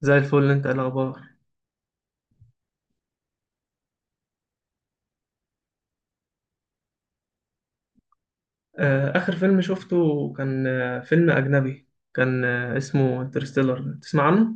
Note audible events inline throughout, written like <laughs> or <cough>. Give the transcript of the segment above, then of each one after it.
زي الفل، انت ايه الاخبار؟ اخر فيلم شفته كان فيلم اجنبي. كان اسمه انترستيلر، تسمع عنه؟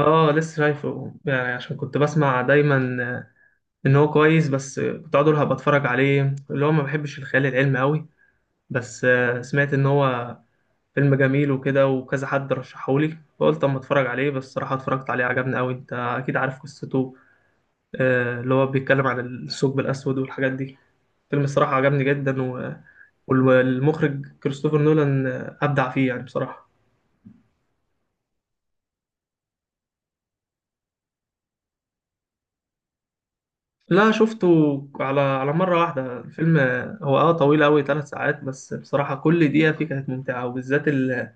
اه لسه شايفه، يعني عشان كنت بسمع دايما ان هو كويس، بس كنت اقعد اقول هبقى اتفرج عليه، اللي هو ما بحبش الخيال العلمي قوي. بس سمعت ان هو فيلم جميل وكده وكذا، حد رشحهولي فقلت اما اتفرج عليه، بس الصراحه اتفرجت عليه عجبني قوي. انت اكيد عارف قصته، اللي هو بيتكلم عن الثقب الاسود والحاجات دي. فيلم الصراحة عجبني جدا والمخرج كريستوفر نولان أبدع فيه يعني بصراحة. لا، شفته على مرة واحدة الفيلم. هو اه طويل أوي، 3 ساعات، بس بصراحة كل دقيقة فيه كانت ممتعة، وبالذات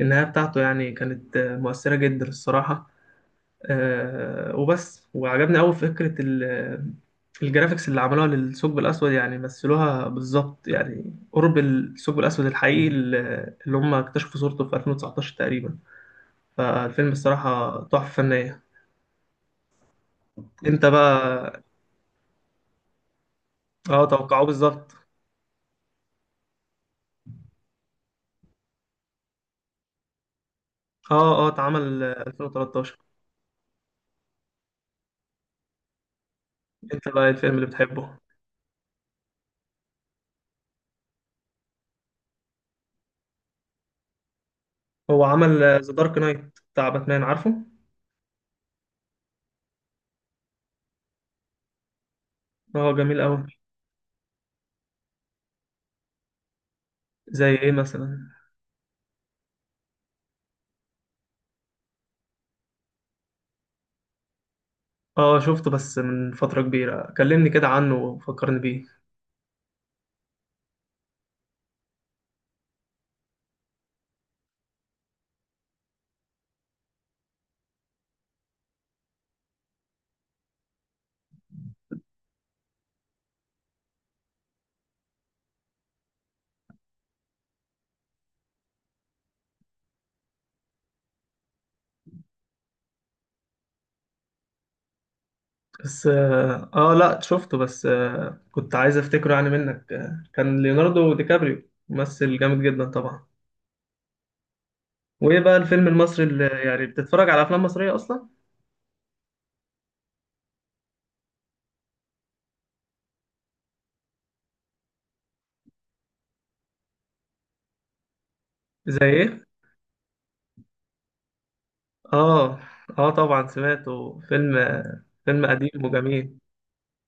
النهاية بتاعته يعني كانت مؤثرة جدا الصراحة. آه وبس، وعجبني أوي فكرة الجرافيكس اللي عملوها للثقب الأسود، يعني مثلوها بالظبط يعني قرب الثقب الأسود الحقيقي، اللي هم اكتشفوا صورته في 2019 تقريبا. فالفيلم الصراحة تحفة فنية. انت بقى. اه توقعوه بالظبط. اه اه اتعمل 2013. انت بقى ايه الفيلم اللي بتحبه؟ هو عمل ذا دارك نايت بتاع باتمان، عارفه؟ اه جميل قوي. زي ايه مثلا؟ اه شفته بس من فترة كبيرة، كلمني كده عنه وفكرني بيه. بس اه لا شفته، بس آه كنت عايز افتكره يعني منك. كان ليوناردو دي كابريو ممثل جامد جدا طبعا. وايه بقى الفيلم المصري اللي، يعني بتتفرج على افلام مصرية اصلا؟ زي ايه؟ اه. اه طبعا سمعته، فيلم فيلم قديم وجميل.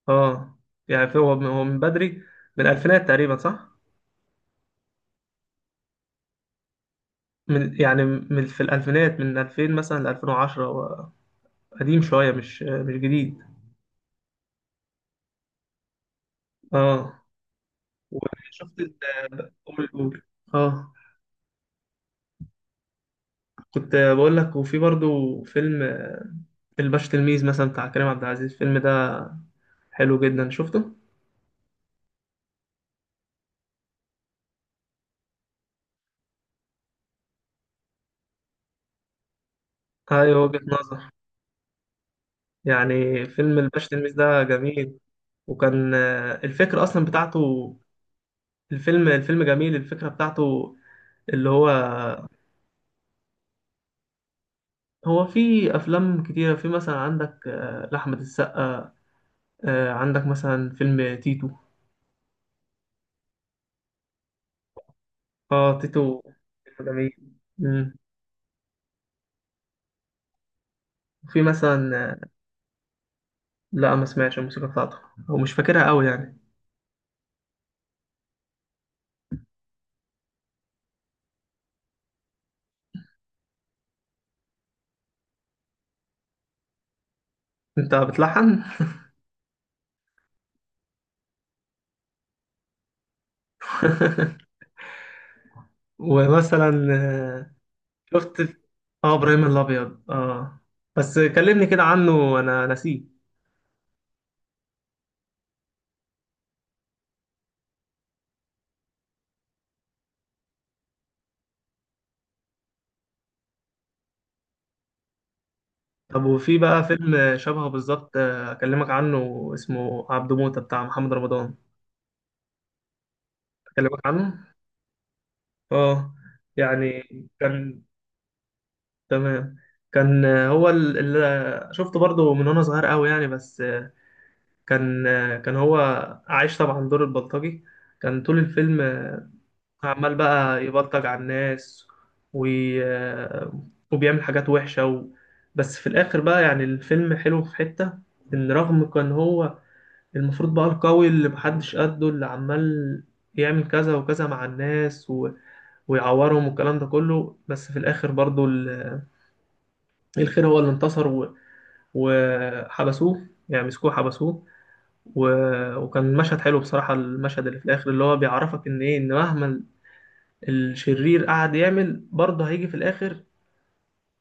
اه. يعني هو من من بدري، من الألفينات تقريبا، صح؟ من يعني من في الألفينات، من 2000 مثلا ل 2010، هو قديم شوية، مش جديد. اه. وشفت ال- قول. اه، كنت بقول لك، وفي برضو فيلم الباشا تلميذ مثلا بتاع كريم عبد العزيز. الفيلم ده حلو جدا، شفته؟ ايوه، وجهة نظر. يعني فيلم الباشا تلميذ ده جميل. وكان الفكرة أصلا بتاعته، الفيلم جميل، الفكرة بتاعته. اللي هو، هو في أفلام كتيرة. في مثلا عندك لأحمد السقا عندك مثلا فيلم تيتو. اه تيتو فيلم جميل. مم. وفي مثلا لا ما سمعتش الموسيقى بتاعته، أو مش فاكرها أوي يعني. أنت بتلحن؟ <laughs> ومثلا شفت، اه إبراهيم الأبيض اه، بس كلمني كده عنه أنا نسيه. طب وفي بقى فيلم شبهه بالظبط اكلمك عنه، اسمه عبده موتة بتاع محمد رمضان. اكلمك عنه. اه يعني. كان، تمام. كان هو اللي شفته برضه من وانا صغير قوي يعني، بس كان كان هو عايش طبعا دور البلطجي. كان طول الفيلم عمال بقى يبلطج على الناس وي... آه، وبيعمل حاجات وحشة بس في الاخر بقى يعني الفيلم حلو في حتة، ان رغم كان هو المفروض بقى القوي اللي محدش قده، اللي عمال يعمل كذا وكذا مع الناس ويعورهم والكلام ده كله، بس في الآخر برضو الخير هو اللي انتصر وحبسوه يعني، مسكوه حبسوه و... وكان مشهد حلو بصراحة، المشهد اللي في الآخر اللي هو بيعرفك إن إيه، إن مهما الشرير قعد يعمل، برضه هيجي في الآخر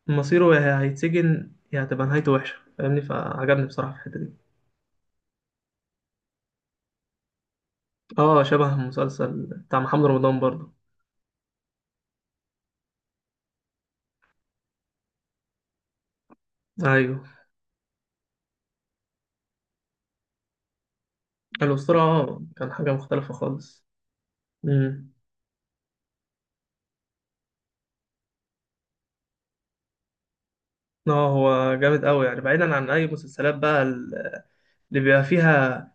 مصيره، يا هيتسجن يا هتبقى نهايته وحشة، فاهمني؟ فعجبني بصراحة في الحتة دي. اه شبه مسلسل بتاع محمد رمضان برضه. ايوه الأسطورة، اه كان حاجة مختلفة خالص. امم. اه هو جامد أوي يعني، بعيدا عن أي مسلسلات بقى اللي بيبقى فيها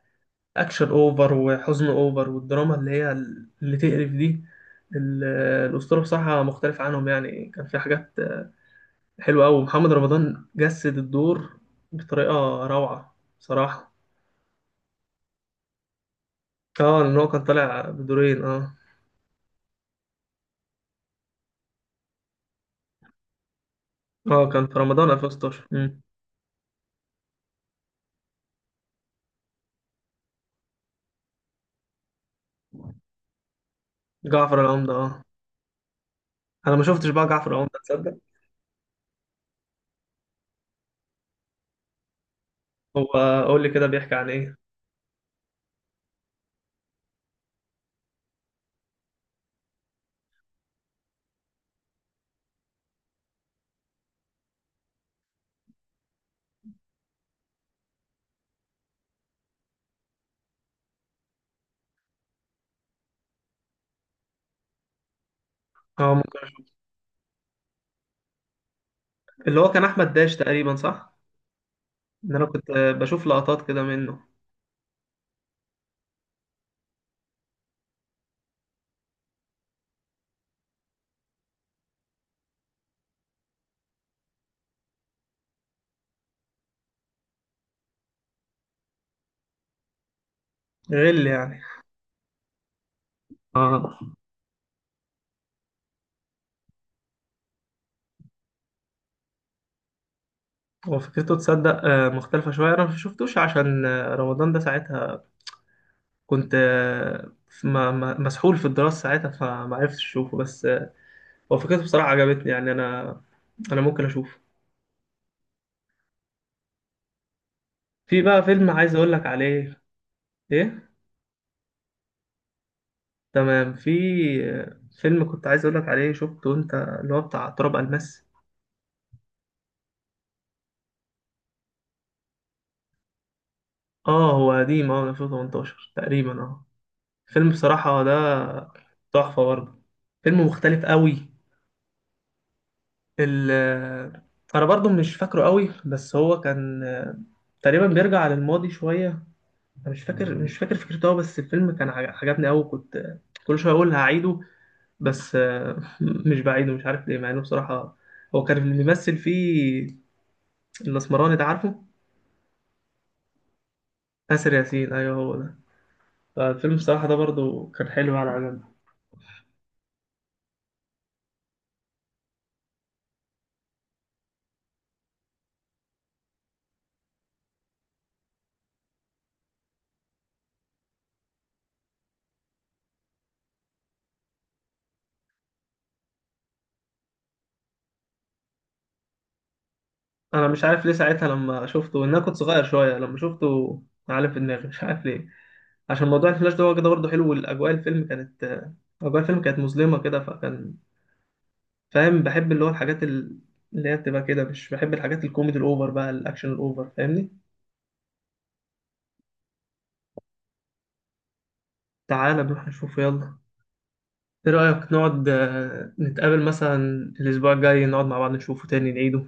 أكشن أوفر وحزن أوفر، والدراما اللي هي اللي تقرف دي، ال- الأسطورة بصراحة مختلف عنهم، يعني كان في حاجات حلوة أوي، محمد رمضان جسد الدور بطريقة روعة بصراحة. اه لأن هو كان طالع بدورين اه. اه كان في رمضان 2016. امم. جعفر العمدة اه، أنا ما شفتش بقى جعفر العمدة، تصدق؟ هو قول لي كده، بيحكي عن إيه؟ اه ممكن. اللي هو كان احمد داش تقريبا، صح؟ ان انا كنت بشوف لقطات كده منه. غل يعني. اه هو فكرته تصدق مختلفة شوية، انا ما شفتوش عشان رمضان ده ساعتها كنت مسحول في الدراسة ساعتها فما عرفتش اشوفه، بس هو فكرته بصراحة عجبتني، يعني انا ممكن اشوفه. في بقى فيلم عايز اقول لك عليه. ايه؟ تمام. في فيلم كنت عايز اقول لك عليه، شفته انت، اللي هو بتاع تراب الماس. اه هو قديم، اه 2018 تقريبا اه. فيلم بصراحة ده تحفة برضه، فيلم مختلف قوي. ال أنا برضه مش فاكره قوي، بس هو كان تقريبا بيرجع للماضي شوية، أنا مش فاكر فكرته أوي، بس الفيلم كان عجبني قوي، كنت كل شوية أقول هعيده، بس <laughs> مش بعيده مش عارف ليه، مع إنه بصراحة. هو كان اللي بيمثل فيه الأسمراني ده، عارفه؟ آسر ياسين، أيوه هو ده. فالفيلم بصراحة ده برضه كان حلو، يعني عجبني. انا مش عارف ليه ساعتها لما شفته، ان انا كنت صغير شويه لما شفته، معلم في دماغي مش عارف ليه، عشان موضوع الفلاش ده هو كده برضه حلو، والاجواء، الفيلم كانت اجواء الفيلم كانت مظلمه كده، فكان فاهم، بحب اللي هو الحاجات اللي هي بتبقى كده، مش بحب الحاجات الكوميدي الاوفر بقى، الاكشن الاوفر، فاهمني؟ تعالى نروح نشوفه يلا. ايه رايك نقعد نتقابل مثلا الاسبوع الجاي، نقعد مع بعض نشوفه تاني، نعيده.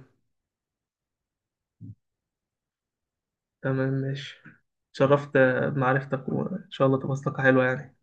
تمام ماشي. اتشرفت بمعرفتك، وان شاء الله تبقى صداقه حلوه يعني.